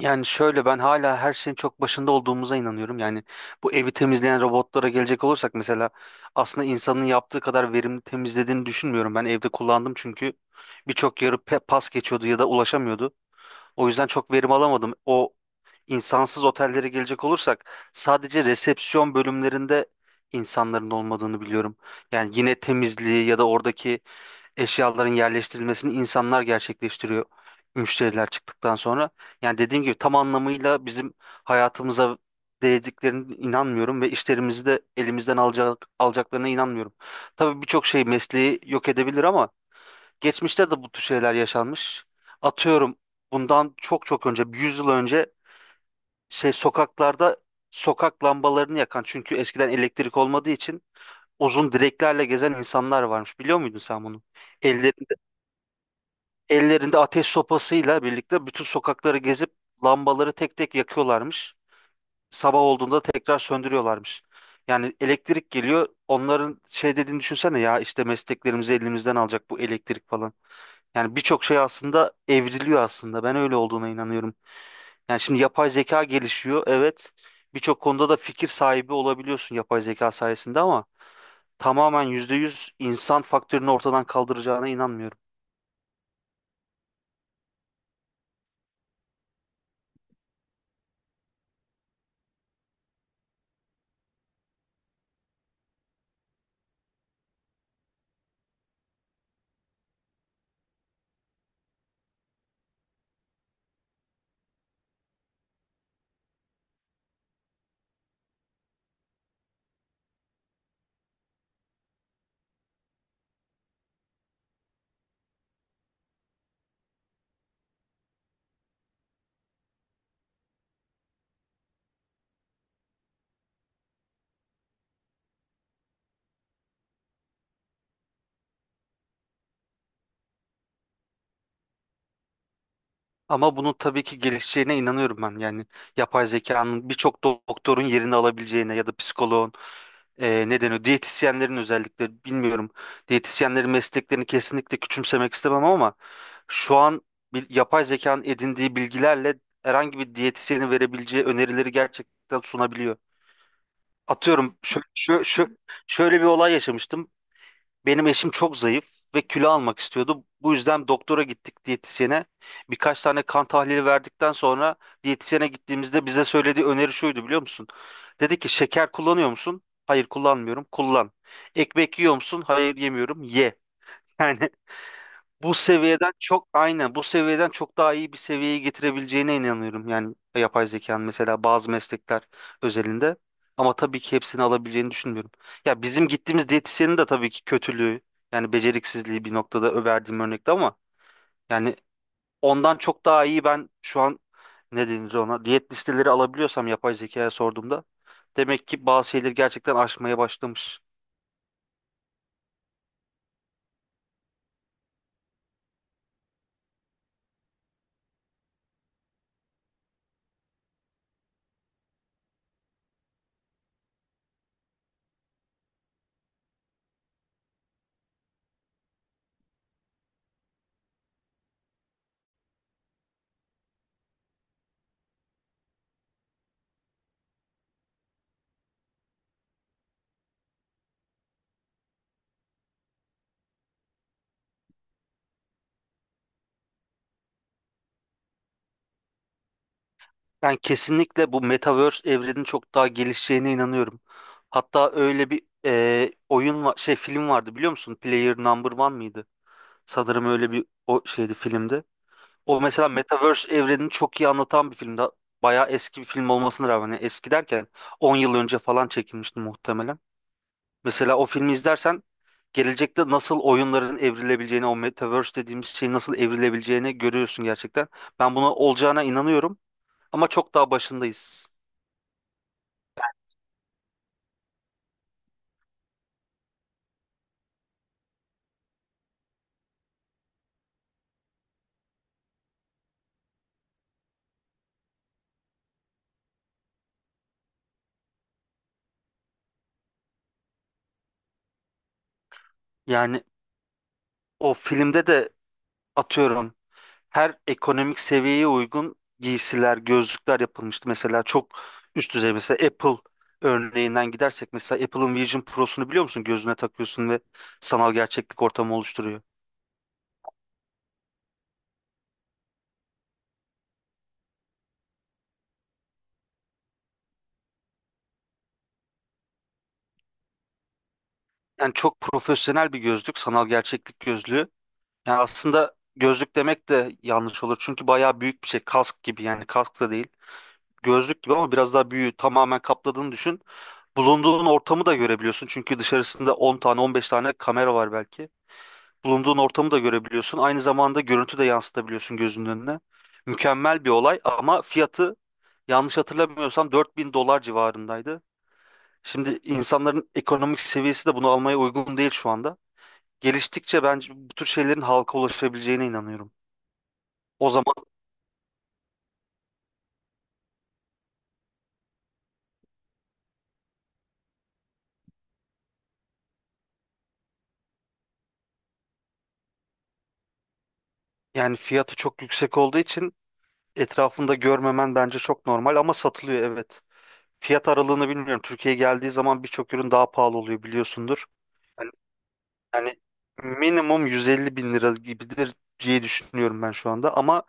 Yani şöyle ben hala her şeyin çok başında olduğumuza inanıyorum. Yani bu evi temizleyen robotlara gelecek olursak mesela aslında insanın yaptığı kadar verimli temizlediğini düşünmüyorum. Ben evde kullandım çünkü birçok yarı pas geçiyordu ya da ulaşamıyordu. O yüzden çok verim alamadım. O insansız otellere gelecek olursak sadece resepsiyon bölümlerinde insanların olmadığını biliyorum. Yani yine temizliği ya da oradaki eşyaların yerleştirilmesini insanlar gerçekleştiriyor müşteriler çıktıktan sonra. Yani dediğim gibi tam anlamıyla bizim hayatımıza değdiklerine inanmıyorum ve işlerimizi de elimizden alacak, alacaklarına inanmıyorum. Tabii birçok şey mesleği yok edebilir ama geçmişte de bu tür şeyler yaşanmış. Atıyorum bundan çok çok önce, bir 100 yıl önce şey sokaklarda sokak lambalarını yakan çünkü eskiden elektrik olmadığı için uzun direklerle gezen insanlar varmış. Biliyor muydun sen bunu? Ellerinde Ellerinde ateş sopasıyla birlikte bütün sokakları gezip lambaları tek tek yakıyorlarmış. Sabah olduğunda tekrar söndürüyorlarmış. Yani elektrik geliyor. Onların şey dediğini düşünsene ya işte mesleklerimizi elimizden alacak bu elektrik falan. Yani birçok şey aslında evriliyor aslında. Ben öyle olduğuna inanıyorum. Yani şimdi yapay zeka gelişiyor. Evet. Birçok konuda da fikir sahibi olabiliyorsun yapay zeka sayesinde ama tamamen %100 insan faktörünü ortadan kaldıracağına inanmıyorum. Ama bunun tabii ki gelişeceğine inanıyorum ben. Yani yapay zekanın birçok doktorun yerini alabileceğine ya da psikoloğun ne deniyor? Diyetisyenlerin özellikle bilmiyorum. Diyetisyenlerin mesleklerini kesinlikle küçümsemek istemem ama şu an bir, yapay zekanın edindiği bilgilerle herhangi bir diyetisyenin verebileceği önerileri gerçekten sunabiliyor. Atıyorum şö şö şö şöyle bir olay yaşamıştım. Benim eşim çok zayıf ve kilo almak istiyordu. Bu yüzden doktora gittik diyetisyene. Birkaç tane kan tahlili verdikten sonra diyetisyene gittiğimizde bize söylediği öneri şuydu biliyor musun? Dedi ki şeker kullanıyor musun? Hayır kullanmıyorum. Kullan. Ekmek yiyor musun? Hayır yemiyorum. Ye. Yani bu seviyeden çok aynen bu seviyeden çok daha iyi bir seviyeye getirebileceğine inanıyorum. Yani yapay zekanın mesela bazı meslekler özelinde ama tabii ki hepsini alabileceğini düşünmüyorum. Ya bizim gittiğimiz diyetisyenin de tabii ki kötülüğü yani beceriksizliği bir noktada verdiğim örnekte ama yani ondan çok daha iyi ben şu an ne denir ona diyet listeleri alabiliyorsam yapay zekaya sorduğumda demek ki bazı şeyleri gerçekten aşmaya başlamış. Ben kesinlikle bu Metaverse evrenin çok daha gelişeceğine inanıyorum. Hatta öyle bir oyun var, şey film vardı biliyor musun? Player Number One mıydı? Sanırım öyle bir o şeydi filmde. O mesela Metaverse evrenini çok iyi anlatan bir filmdi. Bayağı eski bir film olmasına rağmen yani eski derken 10 yıl önce falan çekilmişti muhtemelen. Mesela o filmi izlersen gelecekte nasıl oyunların evrilebileceğini, o Metaverse dediğimiz şeyin nasıl evrilebileceğini görüyorsun gerçekten. Ben buna olacağına inanıyorum ama çok daha başındayız. Yani o filmde de atıyorum her ekonomik seviyeye uygun giysiler, gözlükler yapılmıştı. Mesela çok üst düzey mesela Apple örneğinden gidersek mesela Apple'ın Vision Pro'sunu biliyor musun? Gözüne takıyorsun ve sanal gerçeklik ortamı oluşturuyor. Yani çok profesyonel bir gözlük, sanal gerçeklik gözlüğü. Yani aslında gözlük demek de yanlış olur. Çünkü bayağı büyük bir şey. Kask gibi yani kask da değil. Gözlük gibi ama biraz daha büyüğü tamamen kapladığını düşün. Bulunduğun ortamı da görebiliyorsun. Çünkü dışarısında 10 tane 15 tane kamera var belki. Bulunduğun ortamı da görebiliyorsun. Aynı zamanda görüntü de yansıtabiliyorsun gözünün önüne. Mükemmel bir olay ama fiyatı yanlış hatırlamıyorsam 4.000 dolar civarındaydı. Şimdi insanların ekonomik seviyesi de bunu almaya uygun değil şu anda. Geliştikçe bence bu tür şeylerin halka ulaşabileceğine inanıyorum. O zaman yani fiyatı çok yüksek olduğu için etrafında görmemen bence çok normal ama satılıyor evet. Fiyat aralığını bilmiyorum. Türkiye'ye geldiği zaman birçok ürün daha pahalı oluyor biliyorsundur. Yani, yani minimum 150 bin lira gibidir diye düşünüyorum ben şu anda. Ama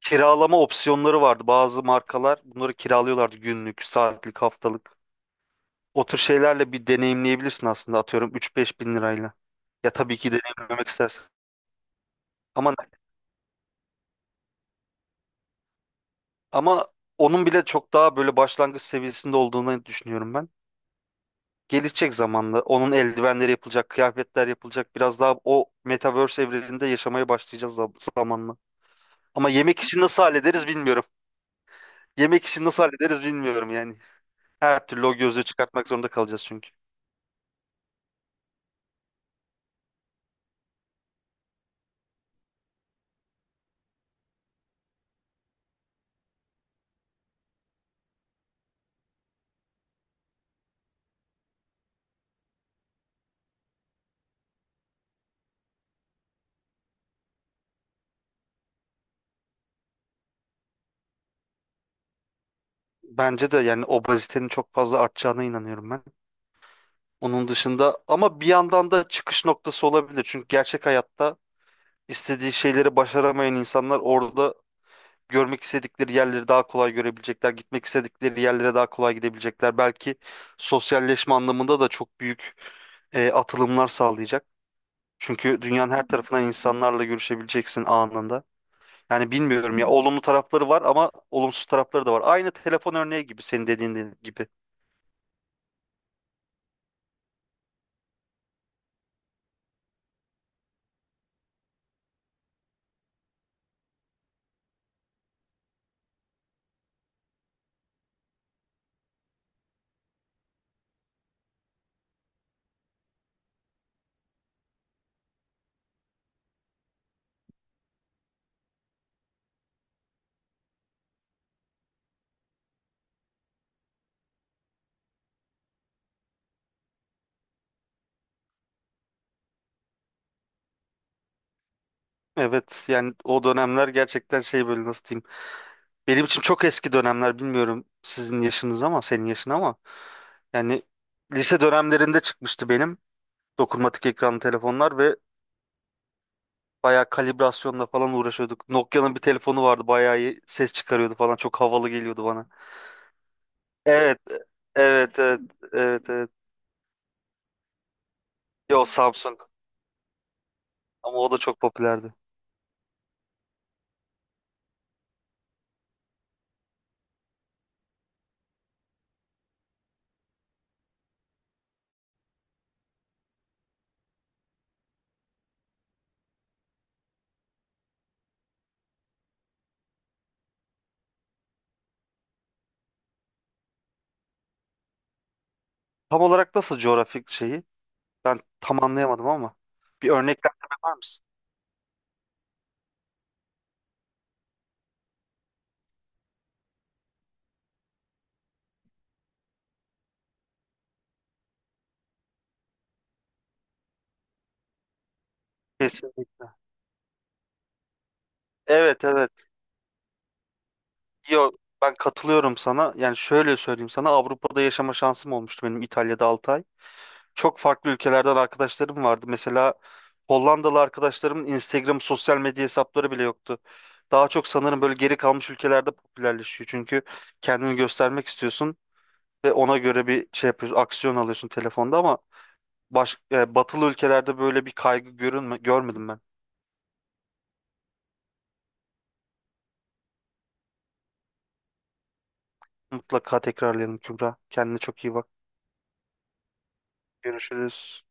kiralama opsiyonları vardı. Bazı markalar bunları kiralıyorlardı günlük, saatlik, haftalık. O tür şeylerle bir deneyimleyebilirsin aslında atıyorum 3-5 bin lirayla. Ya tabii ki deneyimlemek istersen. Ama ama onun bile çok daha böyle başlangıç seviyesinde olduğunu düşünüyorum ben. Gelecek zamanla onun eldivenleri yapılacak, kıyafetler yapılacak. Biraz daha o metaverse evreninde yaşamaya başlayacağız zamanla. Ama yemek işini nasıl hallederiz bilmiyorum. Yemek işini nasıl hallederiz bilmiyorum yani. Her türlü o gözlüğü çıkartmak zorunda kalacağız çünkü. Bence de yani obezitenin çok fazla artacağına inanıyorum ben. Onun dışında ama bir yandan da çıkış noktası olabilir. Çünkü gerçek hayatta istediği şeyleri başaramayan insanlar orada görmek istedikleri yerleri daha kolay görebilecekler, gitmek istedikleri yerlere daha kolay gidebilecekler. Belki sosyalleşme anlamında da çok büyük atılımlar sağlayacak. Çünkü dünyanın her tarafından insanlarla görüşebileceksin anında. Yani bilmiyorum ya olumlu tarafları var ama olumsuz tarafları da var. Aynı telefon örneği gibi senin dediğin gibi. Evet yani o dönemler gerçekten şey böyle nasıl diyeyim. Benim için çok eski dönemler bilmiyorum sizin yaşınız ama senin yaşın ama. Yani lise dönemlerinde çıkmıştı benim. Dokunmatik ekranlı telefonlar ve bayağı kalibrasyonla falan uğraşıyorduk. Nokia'nın bir telefonu vardı bayağı iyi ses çıkarıyordu falan çok havalı geliyordu bana. Evet, evet, evet, evet, evet. Yo Samsung ama o da çok popülerdi. Tam olarak nasıl coğrafik şeyi? Ben tam anlayamadım ama bir örneklendirme var mısın? Kesinlikle. Evet, evet. Yo ben katılıyorum sana. Yani şöyle söyleyeyim sana Avrupa'da yaşama şansım olmuştu benim İtalya'da 6 ay. Çok farklı ülkelerden arkadaşlarım vardı. Mesela Hollandalı arkadaşlarımın Instagram sosyal medya hesapları bile yoktu. Daha çok sanırım böyle geri kalmış ülkelerde popülerleşiyor. Çünkü kendini göstermek istiyorsun ve ona göre bir şey yapıyorsun, aksiyon alıyorsun telefonda ama batılı ülkelerde böyle bir kaygı görünme, görmedim ben. Mutlaka tekrarlayalım Kübra. Kendine çok iyi bak. Görüşürüz.